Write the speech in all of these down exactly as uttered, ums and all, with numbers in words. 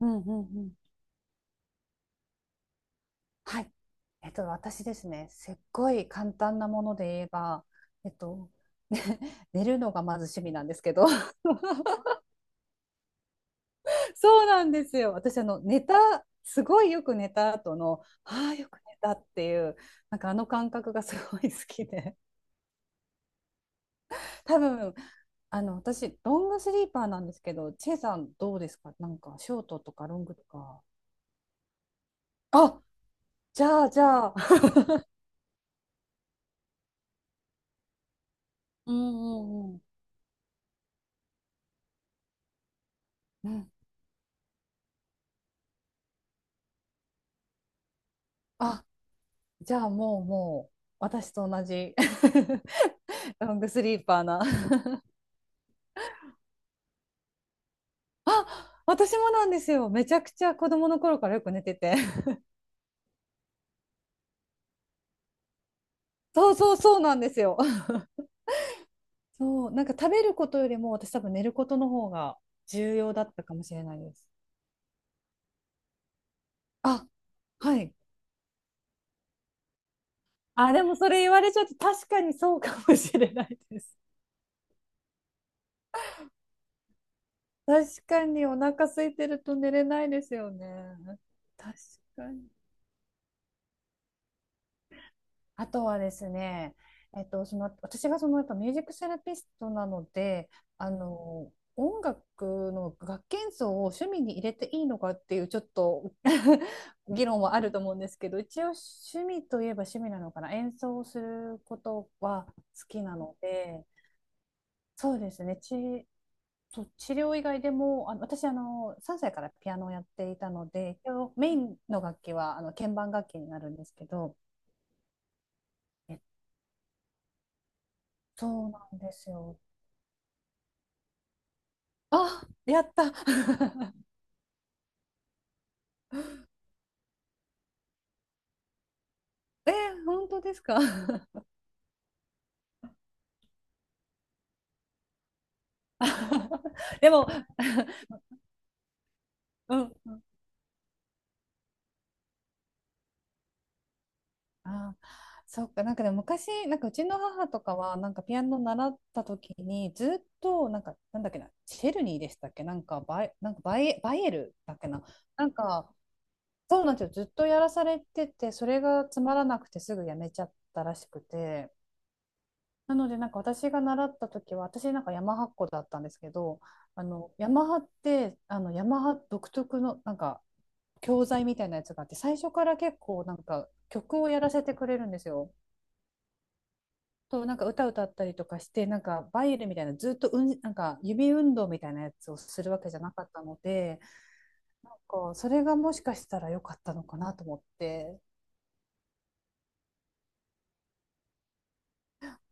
うんうんうん。はい。えっと、私ですね、すっごい簡単なもので言えば、えっと、ね 寝るのがまず趣味なんですけど、そうなんですよ。私、あの、寝た、すごいよく寝た後の、ああ、よく寝たっていう、なんかあの感覚がすごい好きで、多分、あの、私、ロングスリーパーなんですけど、チェさんどうですかなんか、ショートとかロングとか。あ、じゃあ、じゃあ、うんうんうん。うん。あ、じゃあもうもう私と同じ ロングスリーパーな あ、私もなんですよ。めちゃくちゃ子供の頃からよく寝てて そうそうそうなんですよ そう、なんか食べることよりも私多分寝ることの方が重要だったかもしれないです。あ、はい。あ、でもそれ言われちゃって確かにそうかもしれないです。確かにお腹空いてると寝れないですよね。確かに。あとはですね、えっと、その私がそのやっぱミュージックセラピストなので、あの音楽の楽器演奏を趣味に入れていいのかっていうちょっと 議論はあると思うんですけど、一応趣味といえば趣味なのかな、演奏をすることは好きなので、そうですね、ちそう治療以外でも、あの私あの、さんさいからピアノをやっていたので、一応メインの楽器はあの鍵盤楽器になるんですけど、えそうなんですよ。あ、やった。えー、本当ですか。でも、うん、うんあー、そっか、なんかでも昔、なんかうちの母とかは、なんかピアノ習った時に、ずっと、なんか、なんだっけな、シェルニーでしたっけ、なんかバイ、なんかバイエ、バイエルだっけな、なんか、そうなんですよ、ずっとやらされてて、それがつまらなくてすぐやめちゃったらしくて、なので、なんか私が習った時は、私なんかヤマハっ子だったんですけど、あの、ヤマハって、あの、ヤマハ独特のなんか教材みたいなやつがあって、最初から結構なんか曲をやらせてくれるんですよ。と、なんか歌歌ったりとかして、なんかバイエルみたいな、ずっとうん、なんか指運動みたいなやつをするわけじゃなかったので、なんかそれがもしかしたら良かったのかなと思って、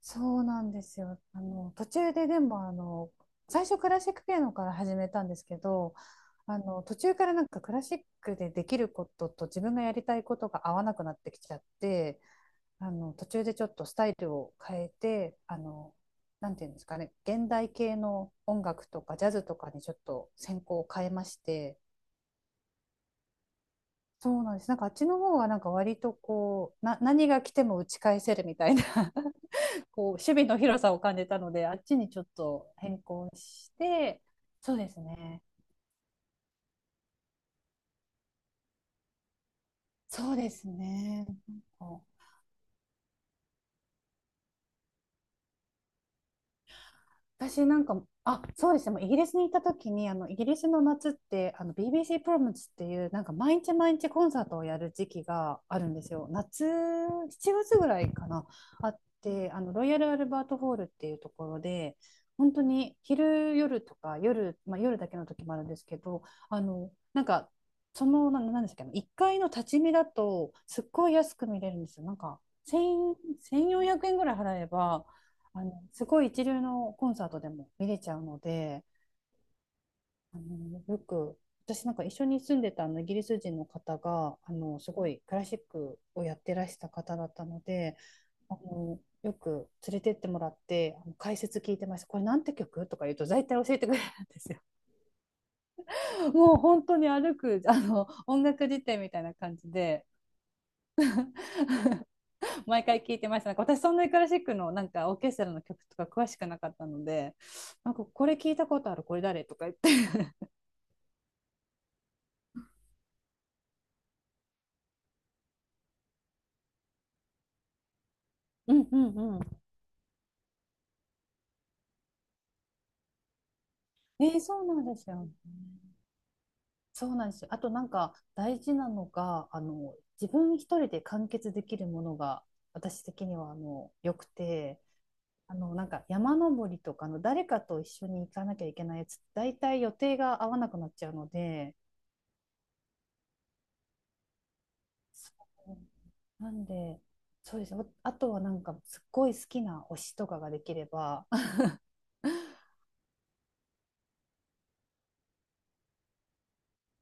そうなんですよ。あの、途中ででも、あの、最初クラシックピアノから始めたんですけど、あの、途中からなんかクラシックでできることと自分がやりたいことが合わなくなってきちゃって、あの、途中でちょっとスタイルを変えて、あの、なんていうんですかね、現代系の音楽とかジャズとかにちょっと専攻を変えまして、そうなんです。なんかあっちの方はなんか割とこう、な、何が来ても打ち返せるみたいなこう守備の広さを感じたので、あっちにちょっと変更して、そうですね。そうですね。なんか私なんか、あ、そうですね、もうイギリスに行った時に、あの、イギリスの夏って、あの、ビービーシー プロムズっていう、なんか毎日毎日コンサートをやる時期があるんですよ。夏、しちがつぐらいかな、あって、あの、ロイヤル・アルバート・ホールっていうところで、本当に昼、夜とか、夜、まあ、夜だけの時もあるんですけど、あの、なんか、その、な、なんですかね、いっかいの立ち見だと、すっごい安く見れるんですよ。なんか、せん、よん ぜろ ぜろえんぐらい払えば、あの、すごい一流のコンサートでも見れちゃうので、あの、よく、私なんか一緒に住んでたあのイギリス人の方が、あの、すごいクラシックをやってらした方だったので、あの、よく連れてってもらって、あの解説聞いてました。これなんて曲とか言うと、大体教えてくれるんですよ。もう本当に歩く、あの、音楽辞典みたいな感じで、毎回聞いてました。なんか私そんなにクラシックのなんかオーケストラの曲とか詳しくなかったので、なんかこれ聞いたことある、これ誰とか言って。うんうんうん。えーそうなんですよね。そうなんですよ。あとなんか大事なのが、あの、自分一人で完結できるものが私的にはあの、良くて、あの、なんか山登りとかの誰かと一緒に行かなきゃいけないやつ、大体予定が合わなくなっちゃうので、そうなんで、そうです。あとはなんかすっごい好きな推しとかができれば、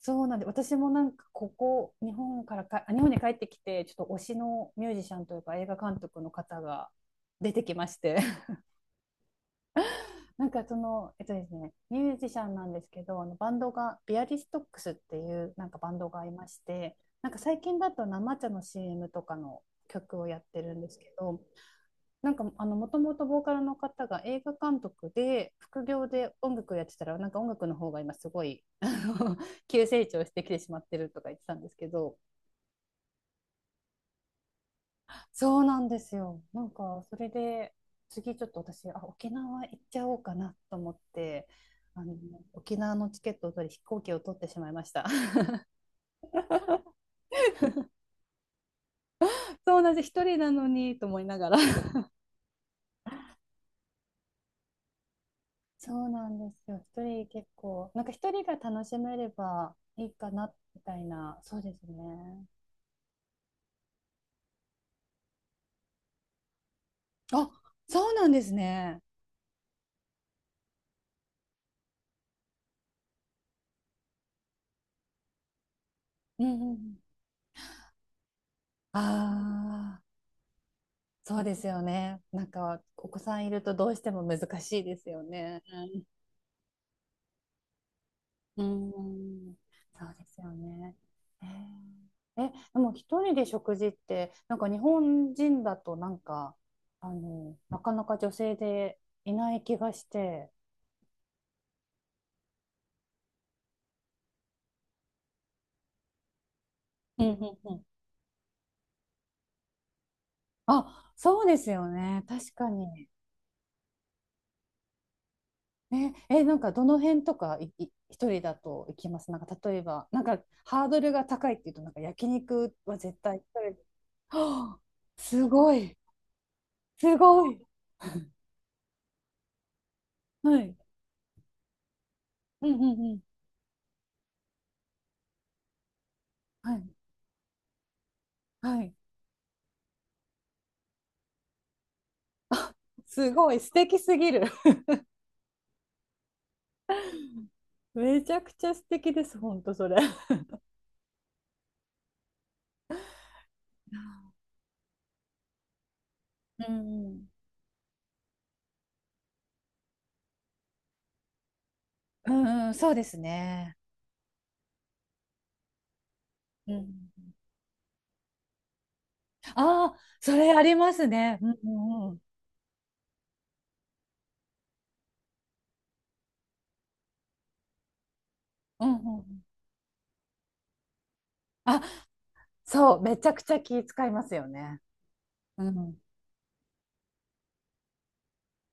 そうなんで、私もなんかここ、日本からか、あ、日本に帰ってきて、ちょっと推しのミュージシャンというか映画監督の方が 出てきまして なんかその、えっとですね、ミュージシャンなんですけど、あのバンドが、ビアリストックスっていうなんかバンドがいまして、なんか最近だと生茶の シーエム とかの曲をやってるんですけど、なんかあのもともとボーカルの方が映画監督で副業で音楽やってたらなんか音楽の方が今すごいあの 急成長してきてしまってるとか言ってたんですけど。そうなんですよ。なんか、それで、次ちょっと私、あ、沖縄行っちゃおうかなと思って、あの、沖縄のチケットを取り、飛行機を取ってしまいました。そうなんです。一人なのにと思いながら。そうなんですよ。一人結構、なんか一人が楽しめればいいかな、みたいな。そうですね。あ、そうなんですね。うんうんうん。ああ、そうですよね。なんか、お子さんいるとどうしても難しいですよね。うーん、そうですよね。えーえ、でも一人で食事って、なんか日本人だとなんか、あの、なかなか女性でいない気がして。うんうんうん。あ、そうですよね。確かに。え、え、なんかどの辺とかいい一人だと行きますなんか例えば、なんかハードルが高いっていうと、なんか焼肉は絶対一人で。はあすごい。すごい。はい。うんうんうん。はい。はい。あ、すごい素敵すぎる。めちゃくちゃ素敵です、本当それ。うん、うんうんうん、そうですね。うん。ああ、それありますね。うんうんうん。うんうん。あ、そう、めちゃくちゃ気使いますよね。うん。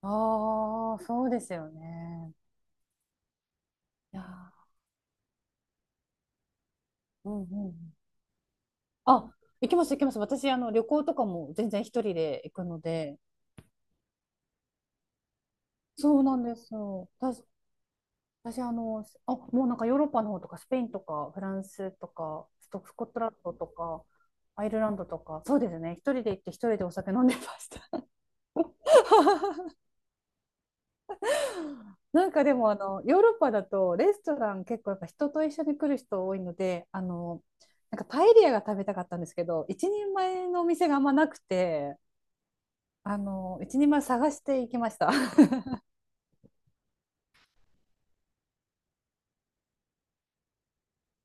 ああ、そうですよね。いやー、うんうんうん。あ、行きます行きます。私、あの、旅行とかも全然一人で行くので。そうなんですよ。私、あの、あ、もうなんかヨーロッパの方とか、スペインとか、フランスとか、ストスコットランドとか、アイルランドとか、そうですね、一人で行って一人でお酒飲んでました。なんかでも、あの、ヨーロッパだと、レストラン結構やっぱ人と一緒に来る人多いので、あの、なんかパエリアが食べたかったんですけど、一人前のお店があんまなくて、あの、一人前探していきました。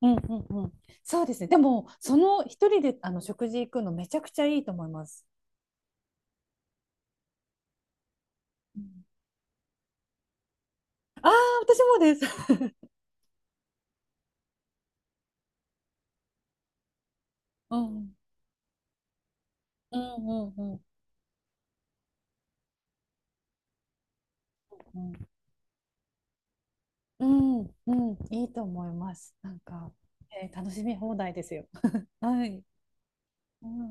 うんうんうん。そうですね。でも、その一人であの食事行くのめちゃくちゃいいと思います。ああ、私もです。うん。うんうんうんうん。うんうん。いいと思います。なんか、えー楽しみ放題ですよ。はい。うん